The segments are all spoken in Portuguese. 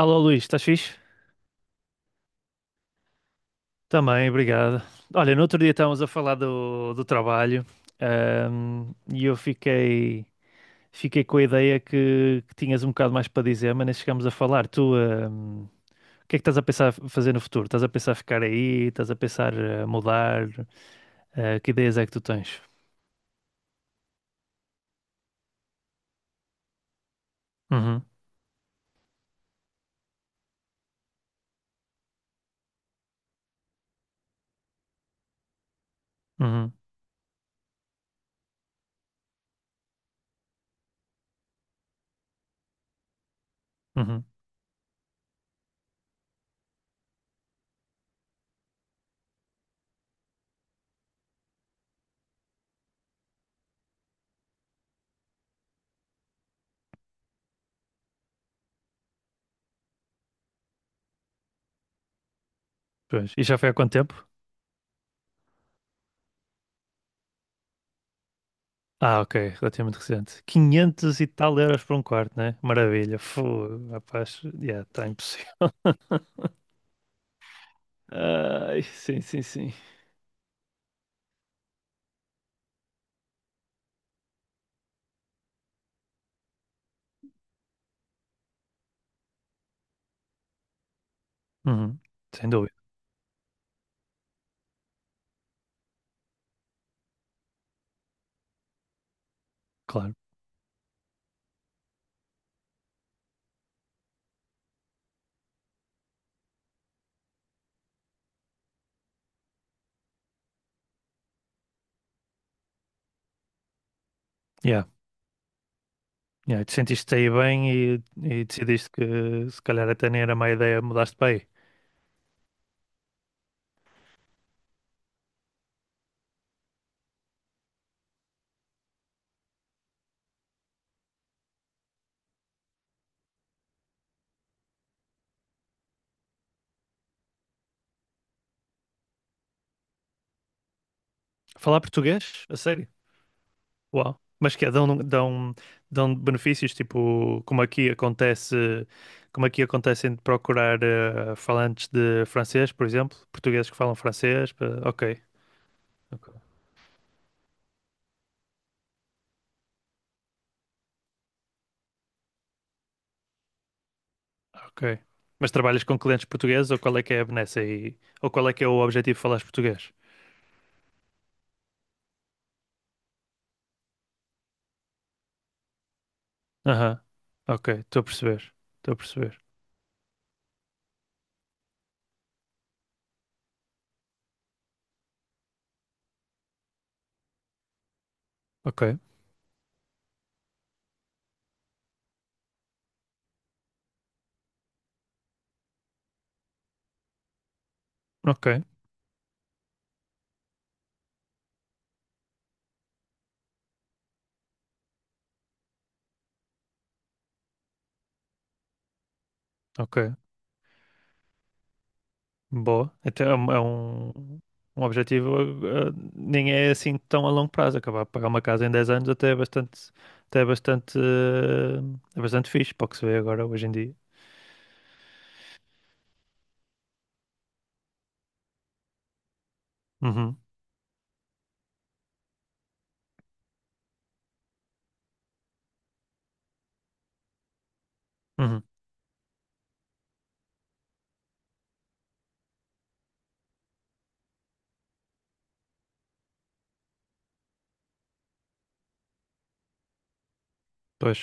Alô Luís, estás fixe? Também, obrigado. Olha, no outro dia estávamos a falar do trabalho, e eu fiquei, fiquei com a ideia que tinhas um bocado mais para dizer, mas nem chegámos a falar. Tu, o que é que estás a pensar fazer no futuro? Estás a pensar ficar aí? Estás a pensar mudar? Que ideias é que tu tens? Uhum, uhum, uhum. Pois. E já foi há quanto tempo? Ah, ok, relativamente recente. Quinhentos e tal euros por um quarto, né? Maravilha. Fogo, rapaz, yeah, está impossível. Ai, sim, sim, sim. Uhum. Sem dúvida, claro. Yeah. Yeah. E tu sentiste aí bem e decidiste que se calhar até nem era má ideia mudaste para aí. Falar português? A sério? Uau. Mas que é, dão, dão, dão benefícios, tipo, como aqui acontece de procurar falantes de francês, por exemplo, portugueses que falam francês. Ok, ok. Ok. Mas trabalhas com clientes portugueses ou qual é que é a benesse aí? Ou qual é que é o objetivo de falares português? Aham. Ok, estou a perceber. Estou a perceber. Ok, ok, ok. Boa. Até é é um um objetivo, nem é assim tão a longo prazo. Acabar de pagar uma casa em 10 anos até é bastante, é bastante fixe para o que se vê agora, hoje em dia. Uhum, uhum, pois.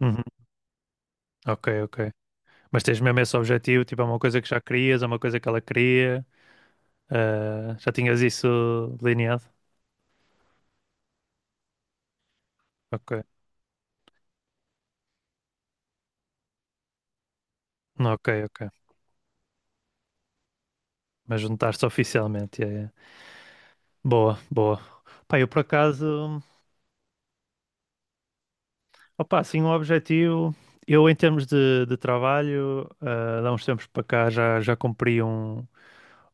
Uhum. Ok, ok. Mas tens mesmo esse objetivo, tipo, é uma coisa que já querias, é uma coisa que ela queria, já tinhas isso delineado? Ok, ok, ok. Mas juntar-se oficialmente, yeah, yeah. Boa, boa. Pá, eu por acaso, opá, assim, um objetivo, eu em termos de trabalho, há uns tempos para cá já, já cumpri um,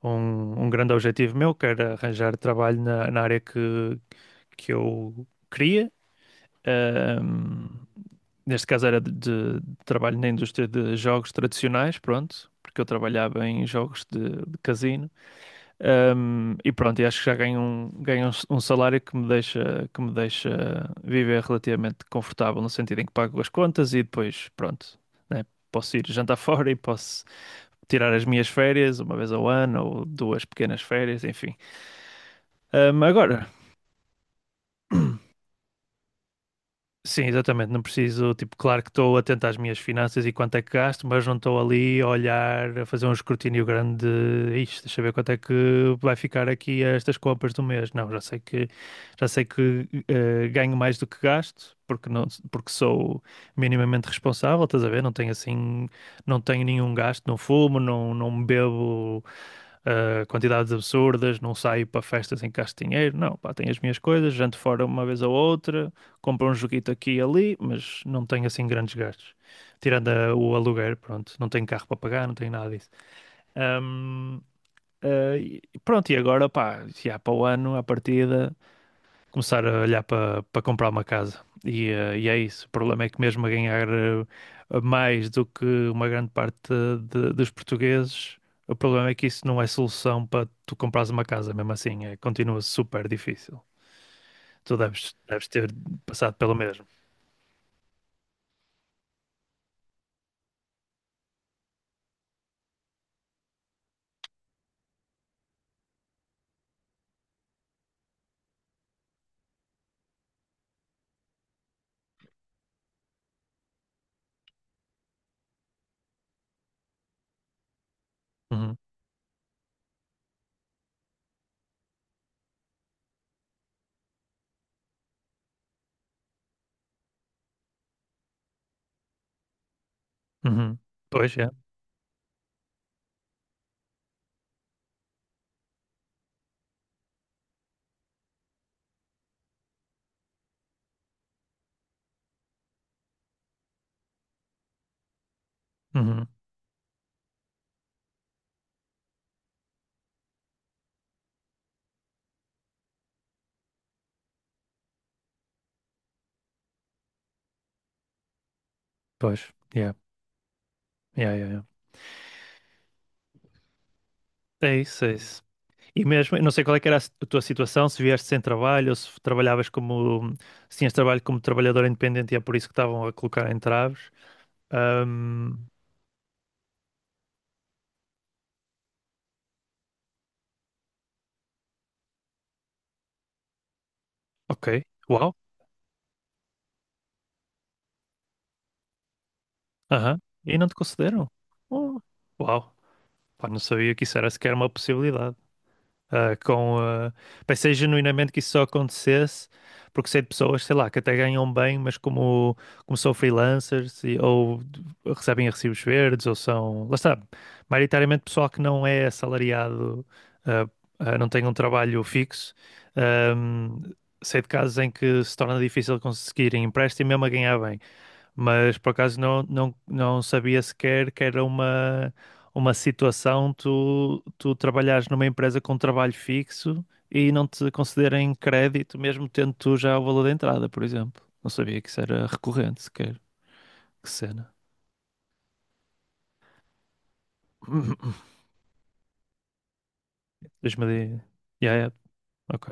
um, um grande objetivo meu, que era arranjar trabalho na área que eu queria. Ahm, neste caso era de trabalho na indústria de jogos tradicionais, pronto, porque eu trabalhava em jogos de casino. Um, e pronto, e acho que já ganho um salário que que me deixa viver relativamente confortável, no sentido em que pago as contas e depois, pronto, né, posso ir jantar fora e posso tirar as minhas férias uma vez ao ano ou duas pequenas férias, enfim. Um, agora. Sim, exatamente. Não preciso, tipo, claro que estou atento às minhas finanças e quanto é que gasto, mas não estou ali a olhar, a fazer um escrutínio grande. Isto, deixa eu ver quanto é que vai ficar aqui estas compras do mês. Não, já sei que ganho mais do que gasto, porque não, porque sou minimamente responsável, estás a ver? Não tenho nenhum gasto, não fumo, não bebo quantidades absurdas, não saio para festas em que gasto dinheiro, não, pá, tenho as minhas coisas, janto fora uma vez ou outra, compro um joguito aqui e ali, mas não tenho assim grandes gastos. Tirando o aluguer, pronto, não tenho carro para pagar, não tenho nada disso. Ahm, pronto, e agora, pá, se há para o ano, à partida começar a olhar para comprar uma casa. E, e é isso. O problema é que mesmo a ganhar mais do que uma grande parte dos portugueses, o problema é que isso não é solução para tu comprares uma casa, mesmo assim. É, continua super difícil. Tu deves ter passado pelo mesmo. Uhum, uhum. Pois, é. Uhum. Pois, yeah. Yeah, yeah, yeah. É isso, é isso. E mesmo, eu não sei qual é que era a tua situação, se vieste sem trabalho ou se trabalhavas como, se tinhas trabalho como trabalhador independente e é por isso que estavam a colocar entraves. Ahm, ok, uau, aham, e não te concederam? Oh, uau, pá, não sabia que isso era sequer uma possibilidade. Ah, com, ah, pensei genuinamente que isso só acontecesse porque sei de pessoas, sei lá, que até ganham bem, mas como, como são freelancers recebem recibos verdes ou são, lá está, maioritariamente pessoal que não é assalariado, ah, ah, não tem um trabalho fixo. Ahm, sei de casos em que se torna difícil conseguir empréstimo mesmo a ganhar bem. Mas por acaso não sabia sequer que era uma situação tu trabalhares numa empresa com trabalho fixo e não te concederem crédito, mesmo tendo tu já o valor da entrada, por exemplo. Não sabia que isso era recorrente sequer. Que cena. Deixa-me de... Yeah, yeah. Ok.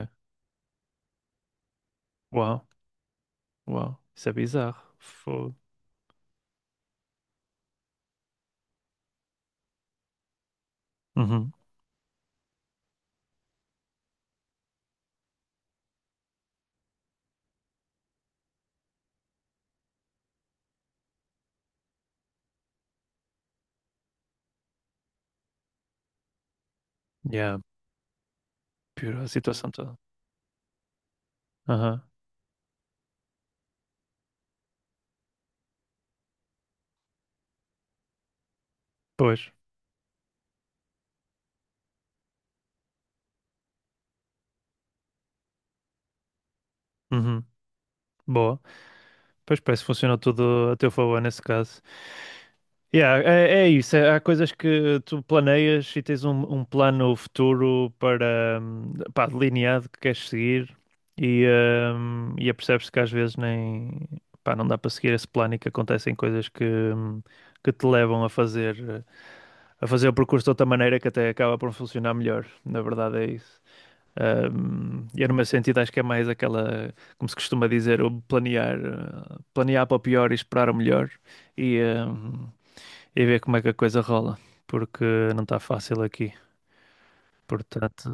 Uau, uau. Isso é bizarro. Fogo. Uhum. Yeah. Pior a situação toda. Aham. Pois. Uhum. Boa. Pois parece que funcionou tudo a teu favor nesse caso. Yeah, é, é isso, é- há coisas que tu planeias e tens um plano futuro para, pá, delineado que queres seguir e, e apercebes-te que às vezes nem, pá, não dá para seguir esse plano e que acontecem coisas que te levam a fazer o percurso de outra maneira que até acaba por funcionar melhor, na verdade é isso. E no meu sentido acho que é mais aquela, como se costuma dizer, o planear, planear para o pior e esperar o melhor. E, hum, e ver como é que a coisa rola, porque não está fácil aqui. Portanto,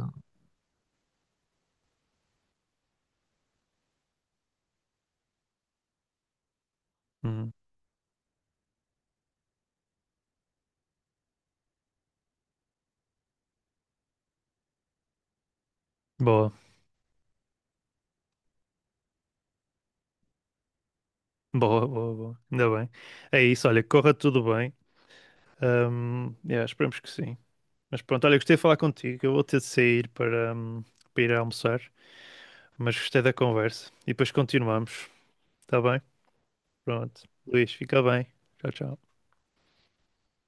hum, boa, boa, boa, boa. Ainda bem. É isso, olha, corra tudo bem. Yeah, esperemos que sim. Mas pronto, olha, gostei de falar contigo. Eu vou ter de sair para, para ir almoçar, mas gostei da conversa. E depois continuamos, está bem? Pronto. Luís, fica bem. Tchau, tchau.